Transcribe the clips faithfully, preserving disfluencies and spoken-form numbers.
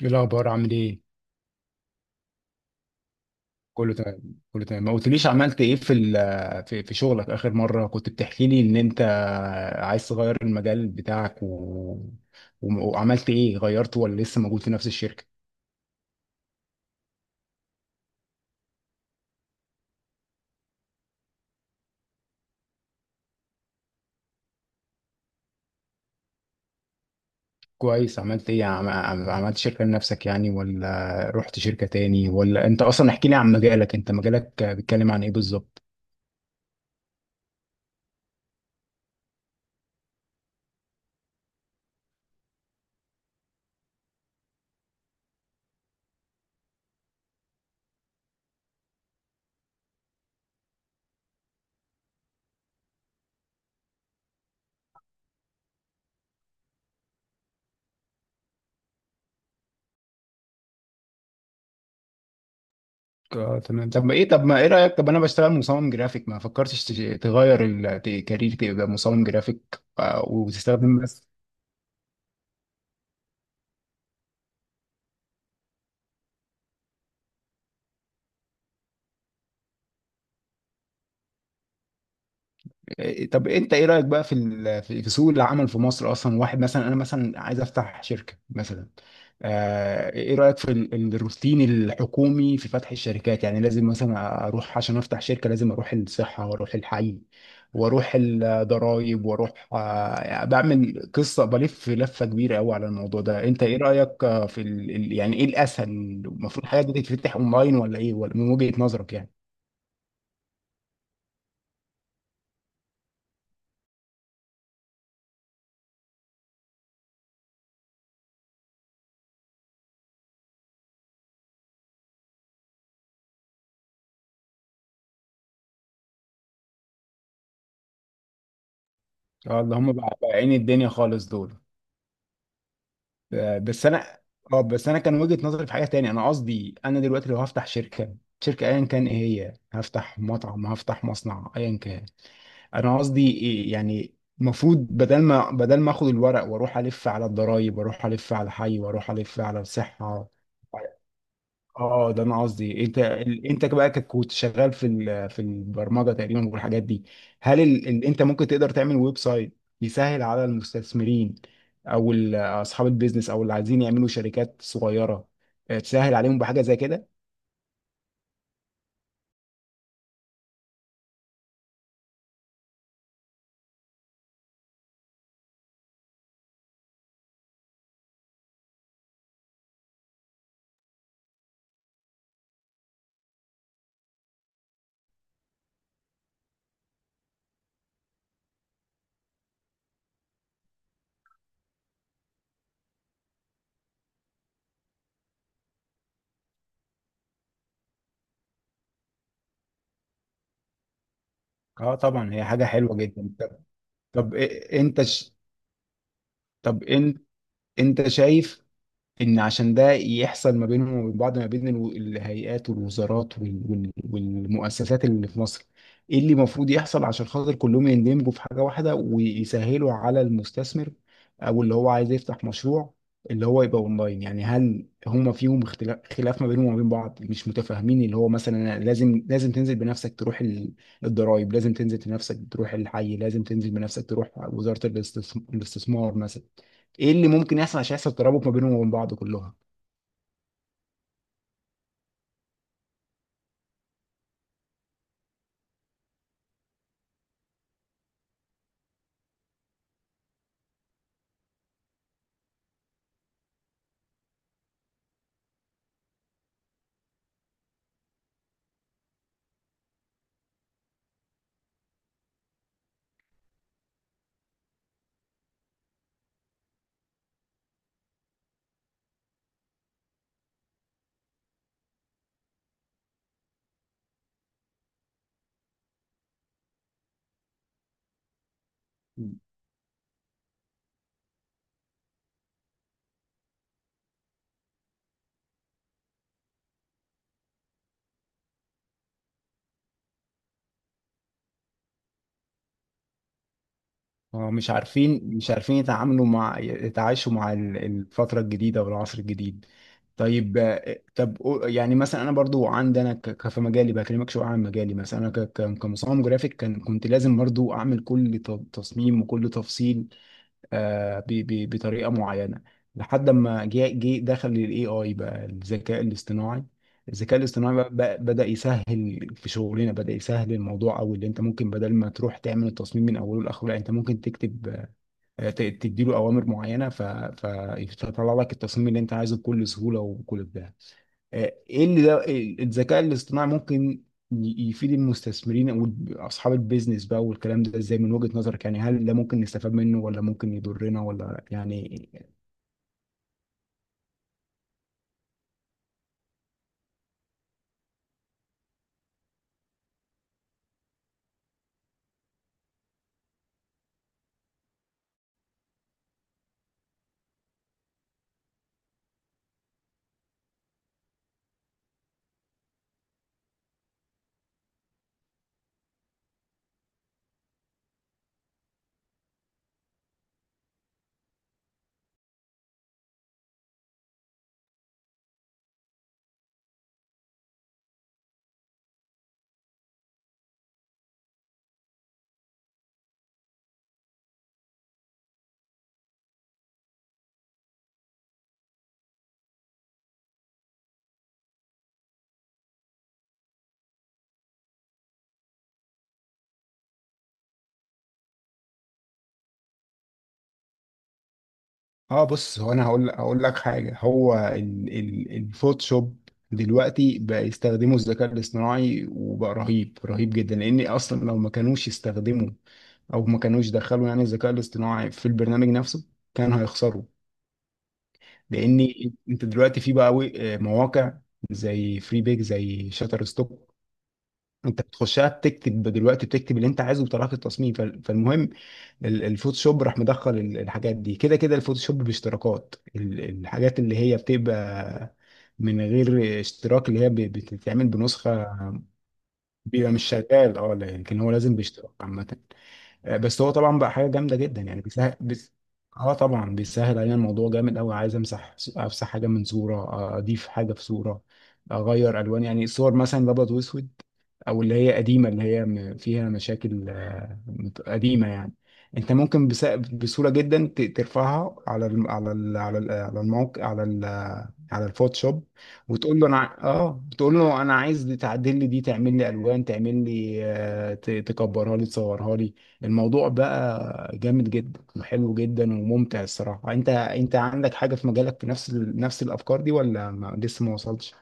ايه الاخبار عامل ايه؟ كله تمام كله تمام ما قلتليش عملت ايه في ال- في في شغلك؟ اخر مره كنت بتحكي لي ان انت عايز تغير المجال بتاعك و... و- وعملت ايه، غيرته ولا لسه موجود في نفس الشركه؟ كويس. عملت ايه، عم... عم- عملت شركه لنفسك يعني، ولا رحت شركه تاني؟ ولا انت اصلا احكي لي عن مجالك، انت مجالك بيتكلم عن ايه بالظبط؟ اه تمام. طب ايه، طب ما ايه رايك، طب انا بشتغل مصمم جرافيك، ما فكرتش تش- تغير الكارير تبقى مصمم جرافيك آه، وتستخدم بس؟ إيه، طب انت ايه رايك بقى في ال- في في سوق العمل في مصر اصلا؟ واحد مثلا، انا مثلا عايز افتح شركه مثلا، آه، ايه رايك في ال- ال- الروتين الحكومي في فتح الشركات؟ يعني لازم مثلا اروح عشان افتح شركه، لازم اروح الصحه واروح الحي واروح الضرايب واروح، آه، يعني بعمل قصه، بلف لفه كبيره قوي على الموضوع ده. انت ايه رايك آه، في ال... ال- يعني ايه الاسهل؟ المفروض الحاجات دي تتفتح اونلاين ولا ايه، ولا من وجهه نظرك يعني؟ آه، اللي هم بقى بقى عين الدنيا خالص دول. آه، بس انا، اه بس انا كان وجهة نظري في حاجة تانية. انا قصدي، انا دلوقتي لو هفتح شركة شركة ايا كان، ايه هي، هفتح مطعم، هفتح مصنع، ايا كان. انا قصدي إيه يعني، المفروض بدل ما بدل ما اخد الورق واروح الف على الضرايب واروح الف على حي واروح الف على الصحة. اه اه، ده انا قصدي. انت ال- انت بقى، كك- كنت شغال في ال- في البرمجه تقريبا والحاجات دي، هل ال... ال... انت ممكن تقدر تعمل ويب سايت يسهل على المستثمرين او ال- اصحاب البيزنس او اللي عايزين يعملوا شركات صغيره، آه، تسهل عليهم بحاجه زي كده؟ اه طبعا، هي حاجه حلوه جدا. طب، طب إيه- انت ش... طب انت انت شايف ان عشان ده يحصل ما بينهم وبين بعض، ما بين الو- الهيئات والوزارات وال- وال- والمؤسسات اللي في مصر، ايه اللي المفروض يحصل عشان خاطر كلهم يندمجوا في حاجة واحدة ويسهلوا على المستثمر او اللي هو عايز يفتح مشروع، اللي هو يبقى اونلاين يعني؟ هل هما فيهم اختلاف، خلاف ما بينهم وما بين بعض، مش متفاهمين؟ اللي هو مثلا أنا لازم لازم تنزل بنفسك تروح ال- الضرايب، لازم تنزل بنفسك تروح الحي، لازم تنزل بنفسك تروح وزارة الاستثم- الاستثمار مثلا. ايه اللي ممكن يحصل عشان يحصل ترابط ما بينهم وبين بعض كلهم؟ هو مش عارفين مش عارفين يتعاملوا مع، يتعايشوا مع ال- الفترة الجديدة والعصر الجديد. طيب، آه، طب قو- يعني مثلا انا برضو عندي، انا ك- ك- في مجالي بكلمك شويه عن مجالي، مثلا انا ك- ك- كمصمم جرافيك كان كنت لازم برضو اعمل كل ت- تصميم وكل تفصيل آه، ب- ب- بطريقه معينه، لحد ما جه جه دخل الاي اي بقى، الذكاء الاصطناعي. الذكاء الاصطناعي بقى بقى- بدأ يسهل في شغلنا، بدأ يسهل الموضوع أوي. اللي أنت ممكن بدل ما تروح تعمل التصميم من أوله لآخره، لا، أنت ممكن تكتب، آه، ت- تديله اوامر معينه ف... فيطلع لك التصميم اللي انت عايزه بكل سهوله وبكل بتاع. آه، ايه اللي، ده إيه- الذكاء الاصطناعي ممكن ي- يفيد المستثمرين او اصحاب البيزنس بقى والكلام ده ازاي من وجهة نظرك يعني؟ هل ده ممكن نستفاد منه، ولا ممكن يضرنا، ولا يعني؟ اه بص، هو انا هقول هقول لك حاجه، هو ال- ال- الفوتوشوب دلوقتي بقى يستخدموا الذكاء الاصطناعي، وبقى رهيب رهيب جدا، لان اصلا لو ما كانوش يستخدموا او ما كانوش دخلوا يعني الذكاء الاصطناعي في البرنامج نفسه كان هيخسروا. لان انت دلوقتي في بقى و- آه، مواقع زي فري بيك، زي شاتر ستوك، انت بتخشها تكتب دلوقتي، بتكتب اللي انت عايزه بطريقه التصميم. فال- فالمهم ال- الفوتوشوب راح مدخل ال- الحاجات دي كده كده. الفوتوشوب باشتراكات، ال- الحاجات اللي هي بتبقى من غير اشتراك اللي هي ب- بتتعمل بنسخه بيبقى مش شغال، اه، لكن هو لازم باشتراك عامه. آه، بس هو طبعا بقى حاجه جامده جدا يعني، بيسهل بس. اه طبعا بيسهل علينا الموضوع، جامد قوي. عايز امسح، افسح حاجه من صوره، آه، اضيف حاجه في صوره، اغير الوان، يعني الصور مثلا الابيض واسود او اللي هي قديمه، اللي هي م- فيها مشاكل، آه، مت- قديمه يعني. انت ممكن بس- بسهوله جدا ت- ترفعها على الم- على ال- على ال- على الموقع، على ال- على الفوتوشوب، وتقول له انا ع- اه بتقول له انا عايز دي- تعدل لي دي، تعمل لي الوان، تعمل لي، آه، ت- تكبرها لي، تصورها لي. الموضوع بقى جامد جدا، وحلو جدا، وممتع الصراحة. انت، انت عندك حاجة في مجالك في نفس ال... نفس الافكار دي، ولا ما... لسه ما وصلتش؟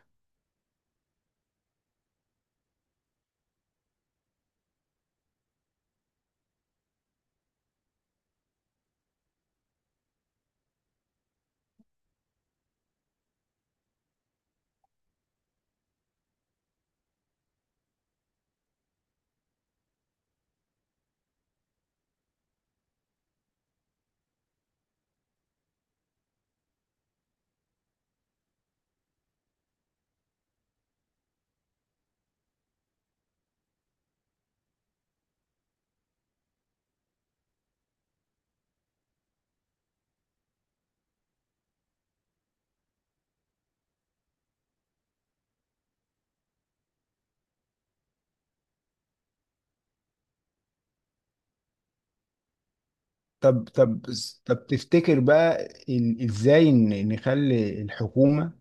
طب طب طب تفتكر بقى ال- ازاي ن- نخلي الحكومة،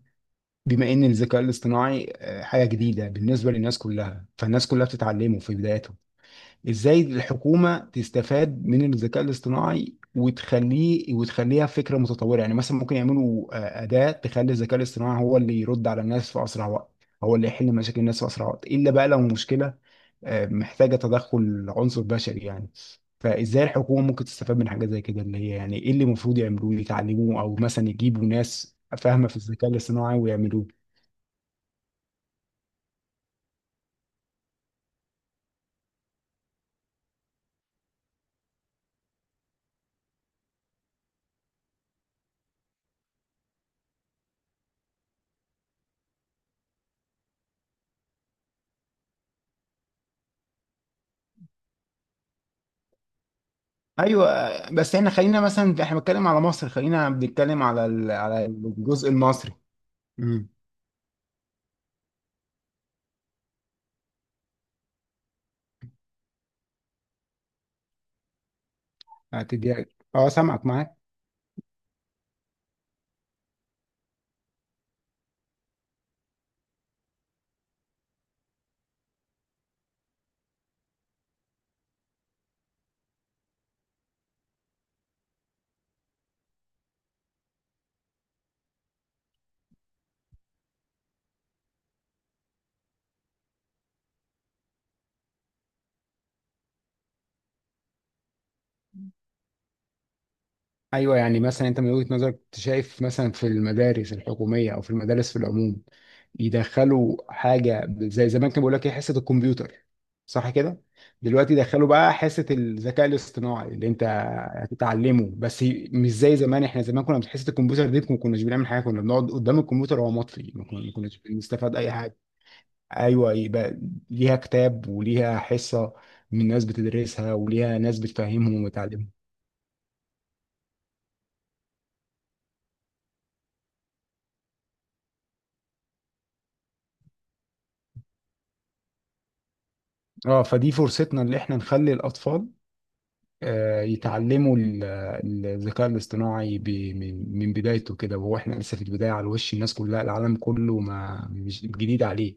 بما ان الذكاء الاصطناعي آه، حاجة جديدة بالنسبة للناس كلها، فالناس كلها بتتعلمه في بدايته، ازاي الحكومه تستفاد من الذكاء الاصطناعي وتخليه، وتخليها فكره متطوره؟ يعني مثلا ممكن يعملوا آه، اداه تخلي الذكاء الاصطناعي هو اللي يرد على الناس في اسرع وقت، هو اللي يحل مشاكل الناس في اسرع وقت، الا بقى لو مشكله آه، محتاجه تدخل عنصر بشري يعني. فازاي الحكومه ممكن تستفاد من حاجه زي كده؟ اللي هي يعني ايه اللي المفروض يعملوه، يتعلموه، او مثلا يجيبوا ناس فاهمه في الذكاء الاصطناعي ويعملوه؟ ايوه، آه، بس احنا خلينا مثلا احنا بنتكلم على مصر، خلينا بنتكلم على ال- على الجزء المصري. امم، هتديها، اه سامعك معاك. ايوه يعني مثلا انت من وجهة نظرك، انت شايف مثلا في المدارس الحكوميه او في المدارس في العموم يدخلوا حاجه زي زمان، كان بيقول لك ايه، حصه الكمبيوتر، صح كده؟ دلوقتي دخلوا بقى حصه الذكاء الاصطناعي اللي انت هتتعلمه بس، مش زي زمان. احنا زمان كنا في حصه الكمبيوتر دي ما كناش بنعمل حاجه، كنا بنقعد قدام الكمبيوتر وهو مطفي، ما كنا- ما كناش بنستفاد اي حاجه. ايوه، يبقى ليها كتاب وليها حصه من ناس بتدرسها، وليها ناس بتفهمهم وتعلمهم. اه، فدي فرصتنا اللي احنا نخلي الاطفال، آه، يتعلموا ال- الذكاء الاصطناعي ب- من من بدايته كده، وهو احنا لسه في البدايه، على وش الناس كلها، العالم كله ما مش جديد عليه.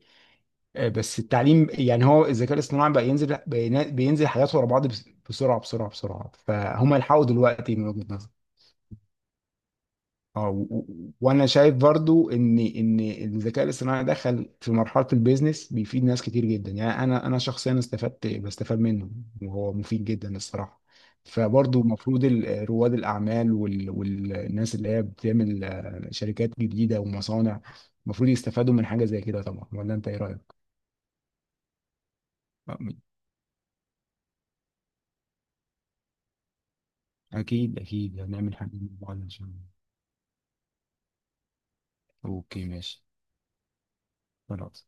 آه، بس التعليم يعني، هو الذكاء الاصطناعي بقى ينزل بينا- بينزل حياته ورا بعض بس- بسرعه بسرعه بسرعه، فهم يلحقوا دلوقتي من وجهه نظري. اه و- و- وانا شايف برضو ان ان الذكاء الاصطناعي دخل في مرحله البيزنس، بيفيد ناس كتير جدا يعني. انا انا شخصيا استفدت، بستفاد منه، وهو مفيد جدا الصراحه. فبرضو المفروض ال- رواد الاعمال وال- والناس اللي هي بتعمل آه، شركات جديده ومصانع، المفروض يستفادوا من حاجه زي كده طبعا. ولا انت ايه رايك؟ آه، أكيد أكيد هنعمل حاجة مع بعض إن شاء الله. أوكي ماشي. خلاص.